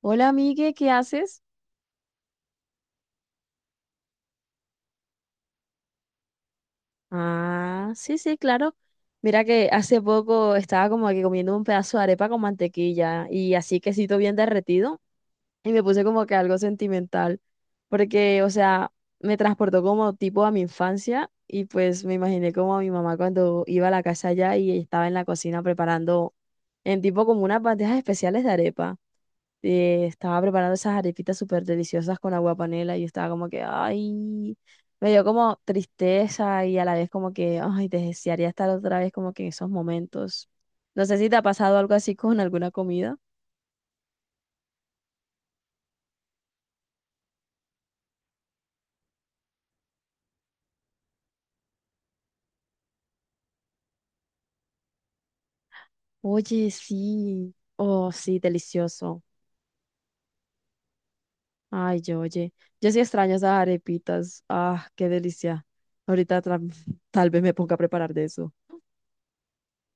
Hola, Migue, ¿qué haces? Ah, sí, sí, claro. Mira que hace poco estaba como que comiendo un pedazo de arepa con mantequilla y así quesito bien derretido y me puse como que algo sentimental porque, o sea, me transportó como tipo a mi infancia y pues me imaginé como a mi mamá cuando iba a la casa allá y estaba en la cocina preparando en tipo como unas bandejas especiales de arepa. Estaba preparando esas arepitas súper deliciosas con agua panela y estaba como que, ay, me dio como tristeza y a la vez como que, ay, desearía estar otra vez como que en esos momentos. No sé si te ha pasado algo así con alguna comida. Oye, sí, oh, sí, delicioso. Ay, yo, oye, yo sí extraño esas arepitas. Ah, qué delicia. Ahorita tal vez me ponga a preparar de eso.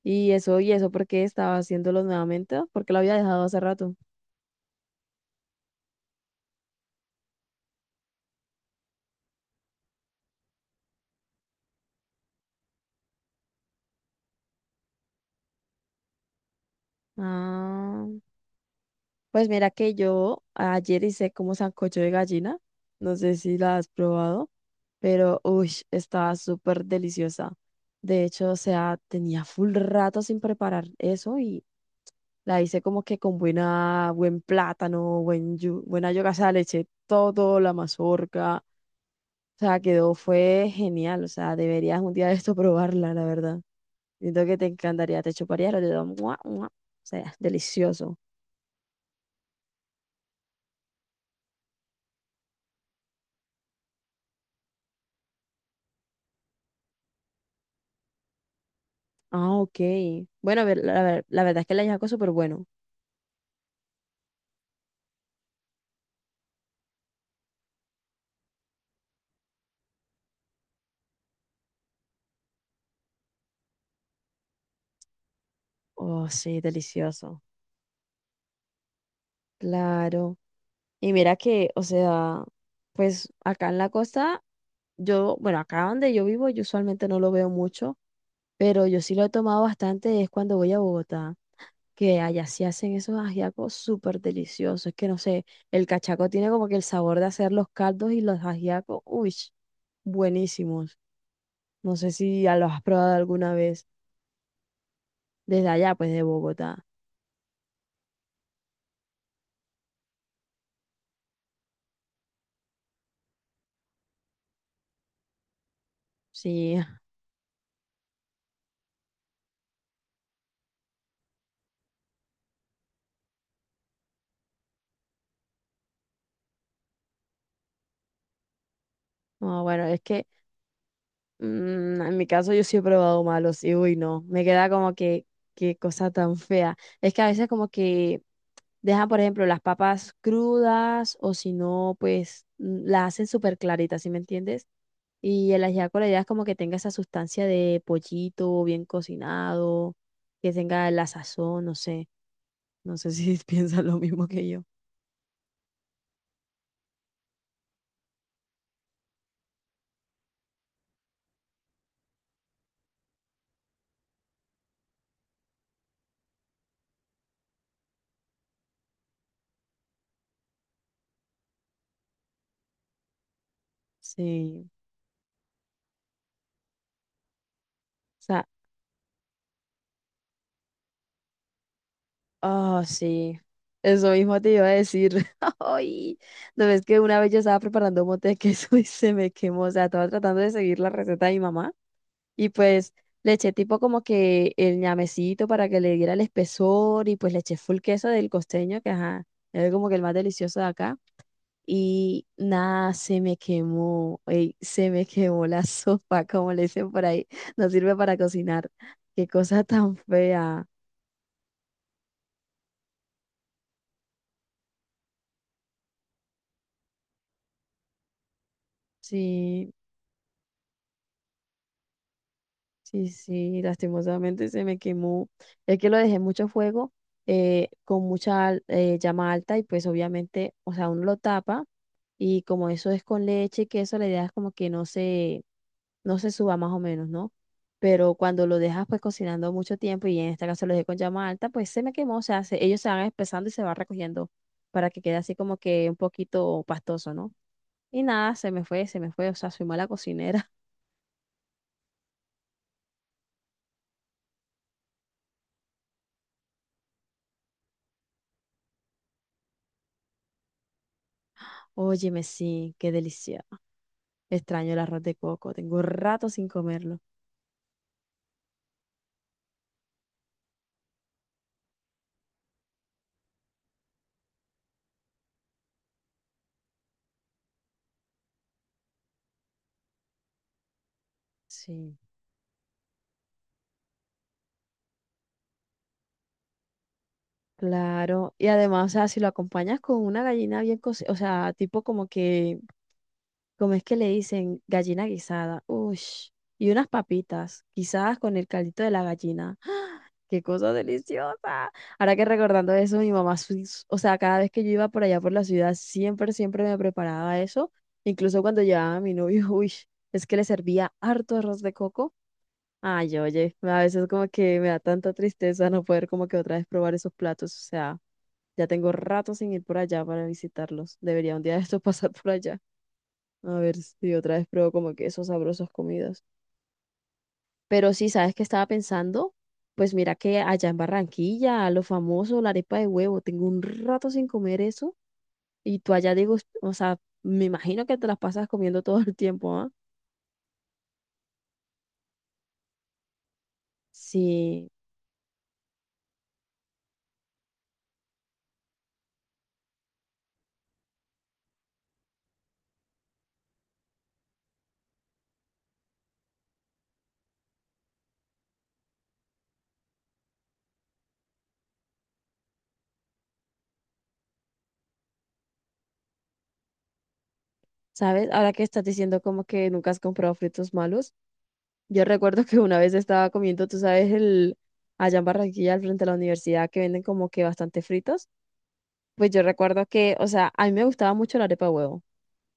Y eso, y eso, ¿por qué estaba haciéndolo nuevamente? Porque lo había dejado hace rato. Ah. Pues mira que yo ayer hice como sancocho de gallina, no sé si la has probado, pero uy, estaba súper deliciosa. De hecho, o sea, tenía full rato sin preparar eso y la hice como que con buena, buen plátano, buena yuca, o sea, le eché todo, la mazorca, o sea, quedó, fue genial, o sea, deberías un día de esto probarla, la verdad. Siento que te encantaría, te chuparía, lo dedos, ¡mua, mua! O sea, delicioso. Ah, ok. Bueno, a ver, la verdad es que el ajiaco es súper bueno. Oh, sí, delicioso. Claro. Y mira que, o sea, pues acá en la costa, yo, bueno, acá donde yo vivo, yo usualmente no lo veo mucho, pero yo sí lo he tomado bastante, es cuando voy a Bogotá, que allá sí hacen esos ajiacos súper deliciosos. Es que no sé, el cachaco tiene como que el sabor de hacer los caldos y los ajiacos, uy, buenísimos. No sé si ya los has probado alguna vez desde allá, pues de Bogotá. Sí, no, bueno, es que en mi caso yo sí he probado malos y uy, no, me queda como que, qué cosa tan fea. Es que a veces como que dejan, por ejemplo, las papas crudas o si no, pues las hacen súper claritas, ¿sí me entiendes? Y el ajiaco la idea es como que tenga esa sustancia de pollito bien cocinado, que tenga la sazón, no sé, no sé si piensan lo mismo que yo. Sí. O sea. Oh, sí. Eso mismo te iba a decir. Ay, no ves que una vez yo estaba preparando un mote de queso y se me quemó. O sea, estaba tratando de seguir la receta de mi mamá. Y pues le eché tipo como que el ñamecito para que le diera el espesor. Y pues le eché full queso del costeño, que ajá, es como que el más delicioso de acá. Y nada, se me quemó. Ey, se me quemó la sopa, como le dicen por ahí. No sirve para cocinar. Qué cosa tan fea. Sí. Sí, sí, lastimosamente se me quemó. Es que lo dejé en mucho fuego, con llama alta y pues obviamente, o sea, uno lo tapa y como eso es con leche y queso, la idea es como que no se, no se suba más o menos, ¿no? Pero cuando lo dejas pues cocinando mucho tiempo y en este caso lo dejé con llama alta, pues se me quemó, o sea, ellos se van espesando y se va recogiendo para que quede así como que un poquito pastoso, ¿no? Y nada, se me fue, o sea, soy mala cocinera. Óyeme, sí, qué delicia. Extraño el arroz de coco, tengo rato sin comerlo. Sí. Claro, y además, o sea, si lo acompañas con una gallina bien cocida, o sea, tipo como que, como es que le dicen, gallina guisada, uy, y unas papitas guisadas con el caldito de la gallina. ¡Ah! ¡Qué cosa deliciosa! Ahora que recordando eso, mi mamá, sí- o sea, cada vez que yo iba por allá por la ciudad, siempre, siempre me preparaba eso. Incluso cuando llevaba a mi novio, uy, es que le servía harto arroz de coco. Ay, oye, a veces como que me da tanta tristeza no poder como que otra vez probar esos platos. O sea, ya tengo rato sin ir por allá para visitarlos. Debería un día de esto pasar por allá. A ver si otra vez pruebo como que esos sabrosos comidas. Pero sí, ¿sabes qué estaba pensando? Pues mira que allá en Barranquilla, lo famoso, la arepa de huevo, tengo un rato sin comer eso. Y tú allá digo, o sea, me imagino que te las pasas comiendo todo el tiempo, ¿ah? Sí. ¿Sabes? Ahora que estás diciendo como que nunca has comprado fritos malos. Yo recuerdo que una vez estaba comiendo, tú sabes, el allá en Barranquilla, al frente de la universidad, que venden como que bastante fritos. Pues yo recuerdo que, o sea, a mí me gustaba mucho la arepa de huevo.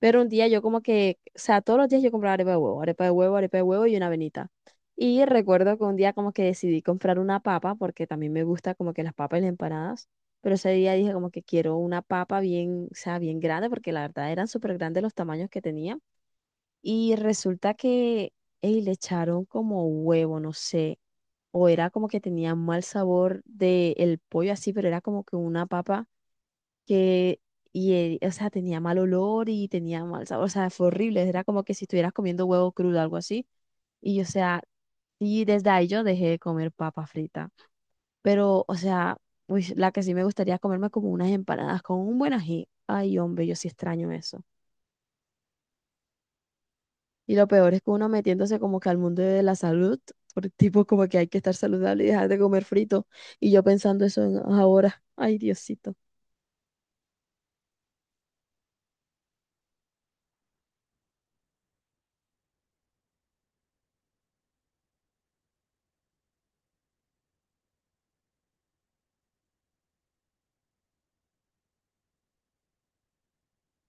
Pero un día yo como que, o sea, todos los días yo compraba arepa de huevo, arepa de huevo, arepa de huevo y una avenita. Y recuerdo que un día como que decidí comprar una papa, porque también me gusta como que las papas y las empanadas. Pero ese día dije como que quiero una papa bien, o sea, bien grande, porque la verdad eran súper grandes los tamaños que tenía. Y resulta que ey, le echaron como huevo, no sé, o era como que tenía mal sabor del pollo así, pero era como que una papa que, y, o sea, tenía mal olor y tenía mal sabor, o sea, fue horrible, era como que si estuvieras comiendo huevo crudo, algo así. Y, o sea, y desde ahí yo dejé de comer papa frita, pero, o sea, uy, la que sí me gustaría comerme como unas empanadas con un buen ají. Ay, hombre, yo sí extraño eso. Y lo peor es que uno metiéndose como que al mundo de la salud, por tipo como que hay que estar saludable y dejar de comer frito. Y yo pensando eso ahora. Ay, Diosito.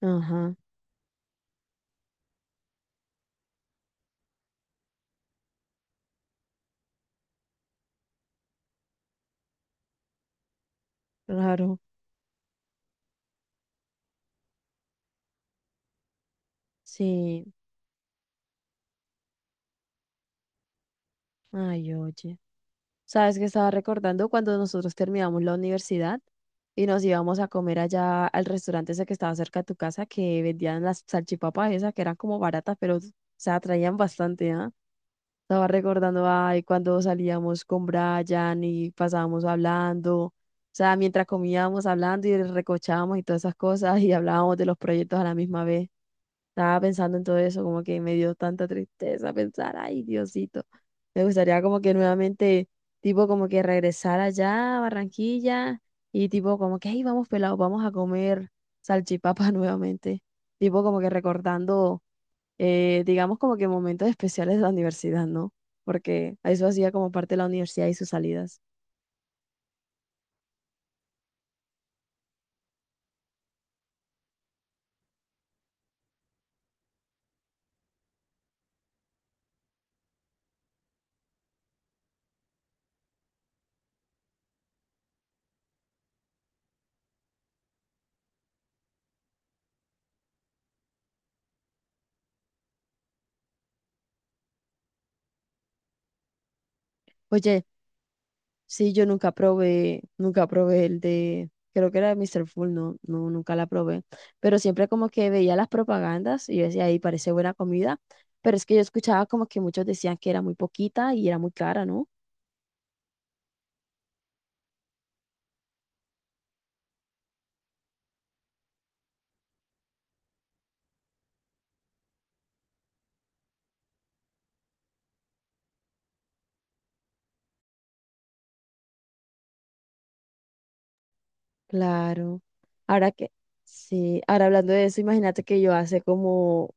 Ajá, claro. Sí. Ay, oye. ¿Sabes que estaba recordando cuando nosotros terminamos la universidad y nos íbamos a comer allá al restaurante ese que estaba cerca de tu casa que vendían las salchipapas esas que eran como baratas, pero o sea, traían bastante, ¿ah? Estaba recordando, ay, cuando salíamos con Brian y pasábamos hablando, o sea, mientras comíamos hablando y recochábamos y todas esas cosas y hablábamos de los proyectos a la misma vez. Estaba pensando en todo eso, como que me dio tanta tristeza pensar, ay, Diosito, me gustaría como que nuevamente, tipo, como que regresar allá a Barranquilla y tipo, como que, ay, vamos pelados, vamos a comer salchipapa nuevamente, tipo, como que recordando digamos como que momentos especiales de la universidad, ¿no? Porque eso hacía como parte de la universidad y sus salidas. Oye, sí, yo nunca probé, nunca probé el de, creo que era de Mr. Full, no, no, nunca la probé, pero siempre como que veía las propagandas y yo decía, ahí parece buena comida, pero es que yo escuchaba como que muchos decían que era muy poquita y era muy cara, ¿no? Claro. Ahora que, sí, ahora hablando de eso, imagínate que yo hace como,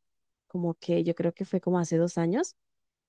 como que yo creo que fue como hace 2 años.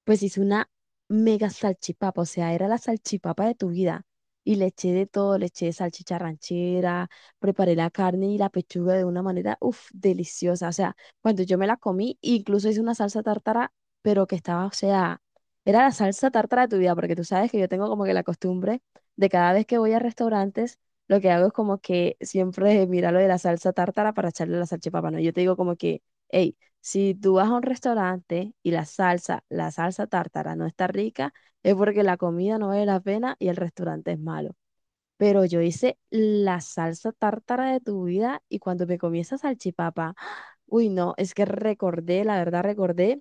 Pues hice una mega salchipapa, o sea, era la salchipapa de tu vida. Y le eché de todo, le eché salchicha ranchera, preparé la carne y la pechuga de una manera, uff, deliciosa. O sea, cuando yo me la comí, incluso hice una salsa tártara, pero que estaba, o sea, era la salsa tártara de tu vida, porque tú sabes que yo tengo como que la costumbre de cada vez que voy a restaurantes, lo que hago es como que siempre mirar lo de la salsa tártara para echarle a la salchipapa, ¿no? Yo te digo como que, hey, si tú vas a un restaurante y la salsa tártara no está rica, es porque la comida no vale la pena y el restaurante es malo. Pero yo hice la salsa tártara de tu vida y cuando me comí esa salchipapa, uy, no, es que recordé, la verdad recordé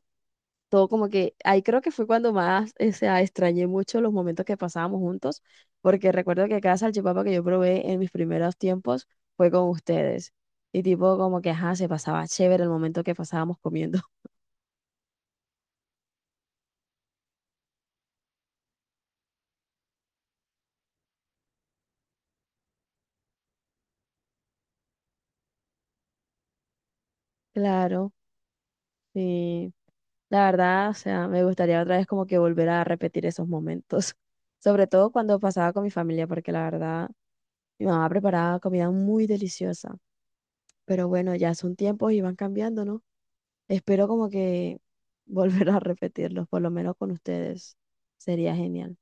todo como que, ahí creo que fue cuando más, o sea, extrañé mucho los momentos que pasábamos juntos, porque recuerdo que cada salchipapa que yo probé en mis primeros tiempos fue con ustedes. Y tipo como que, ajá, se pasaba chévere el momento que pasábamos comiendo. Claro, sí. La verdad, o sea, me gustaría otra vez como que volver a repetir esos momentos, sobre todo cuando pasaba con mi familia, porque la verdad, mi mamá preparaba comida muy deliciosa, pero bueno, ya son tiempos y van cambiando, ¿no? Espero como que volver a repetirlos, por lo menos con ustedes, sería genial.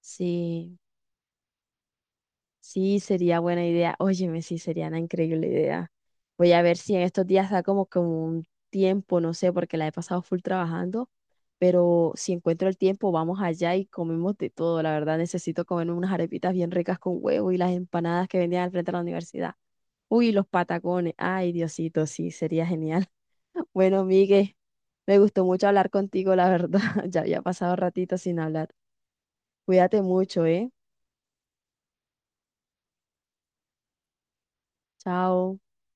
Sí. Sí, sería buena idea. Óyeme, sí, sería una increíble idea. Voy a ver si en estos días da como, como un tiempo, no sé, porque la he pasado full trabajando, pero si encuentro el tiempo, vamos allá y comemos de todo. La verdad, necesito comerme unas arepitas bien ricas con huevo y las empanadas que vendían al frente de la universidad. Uy, los patacones. Ay, Diosito, sí, sería genial. Bueno, Migue, me gustó mucho hablar contigo, la verdad. Ya había pasado ratito sin hablar. Cuídate mucho, ¿eh? Chao.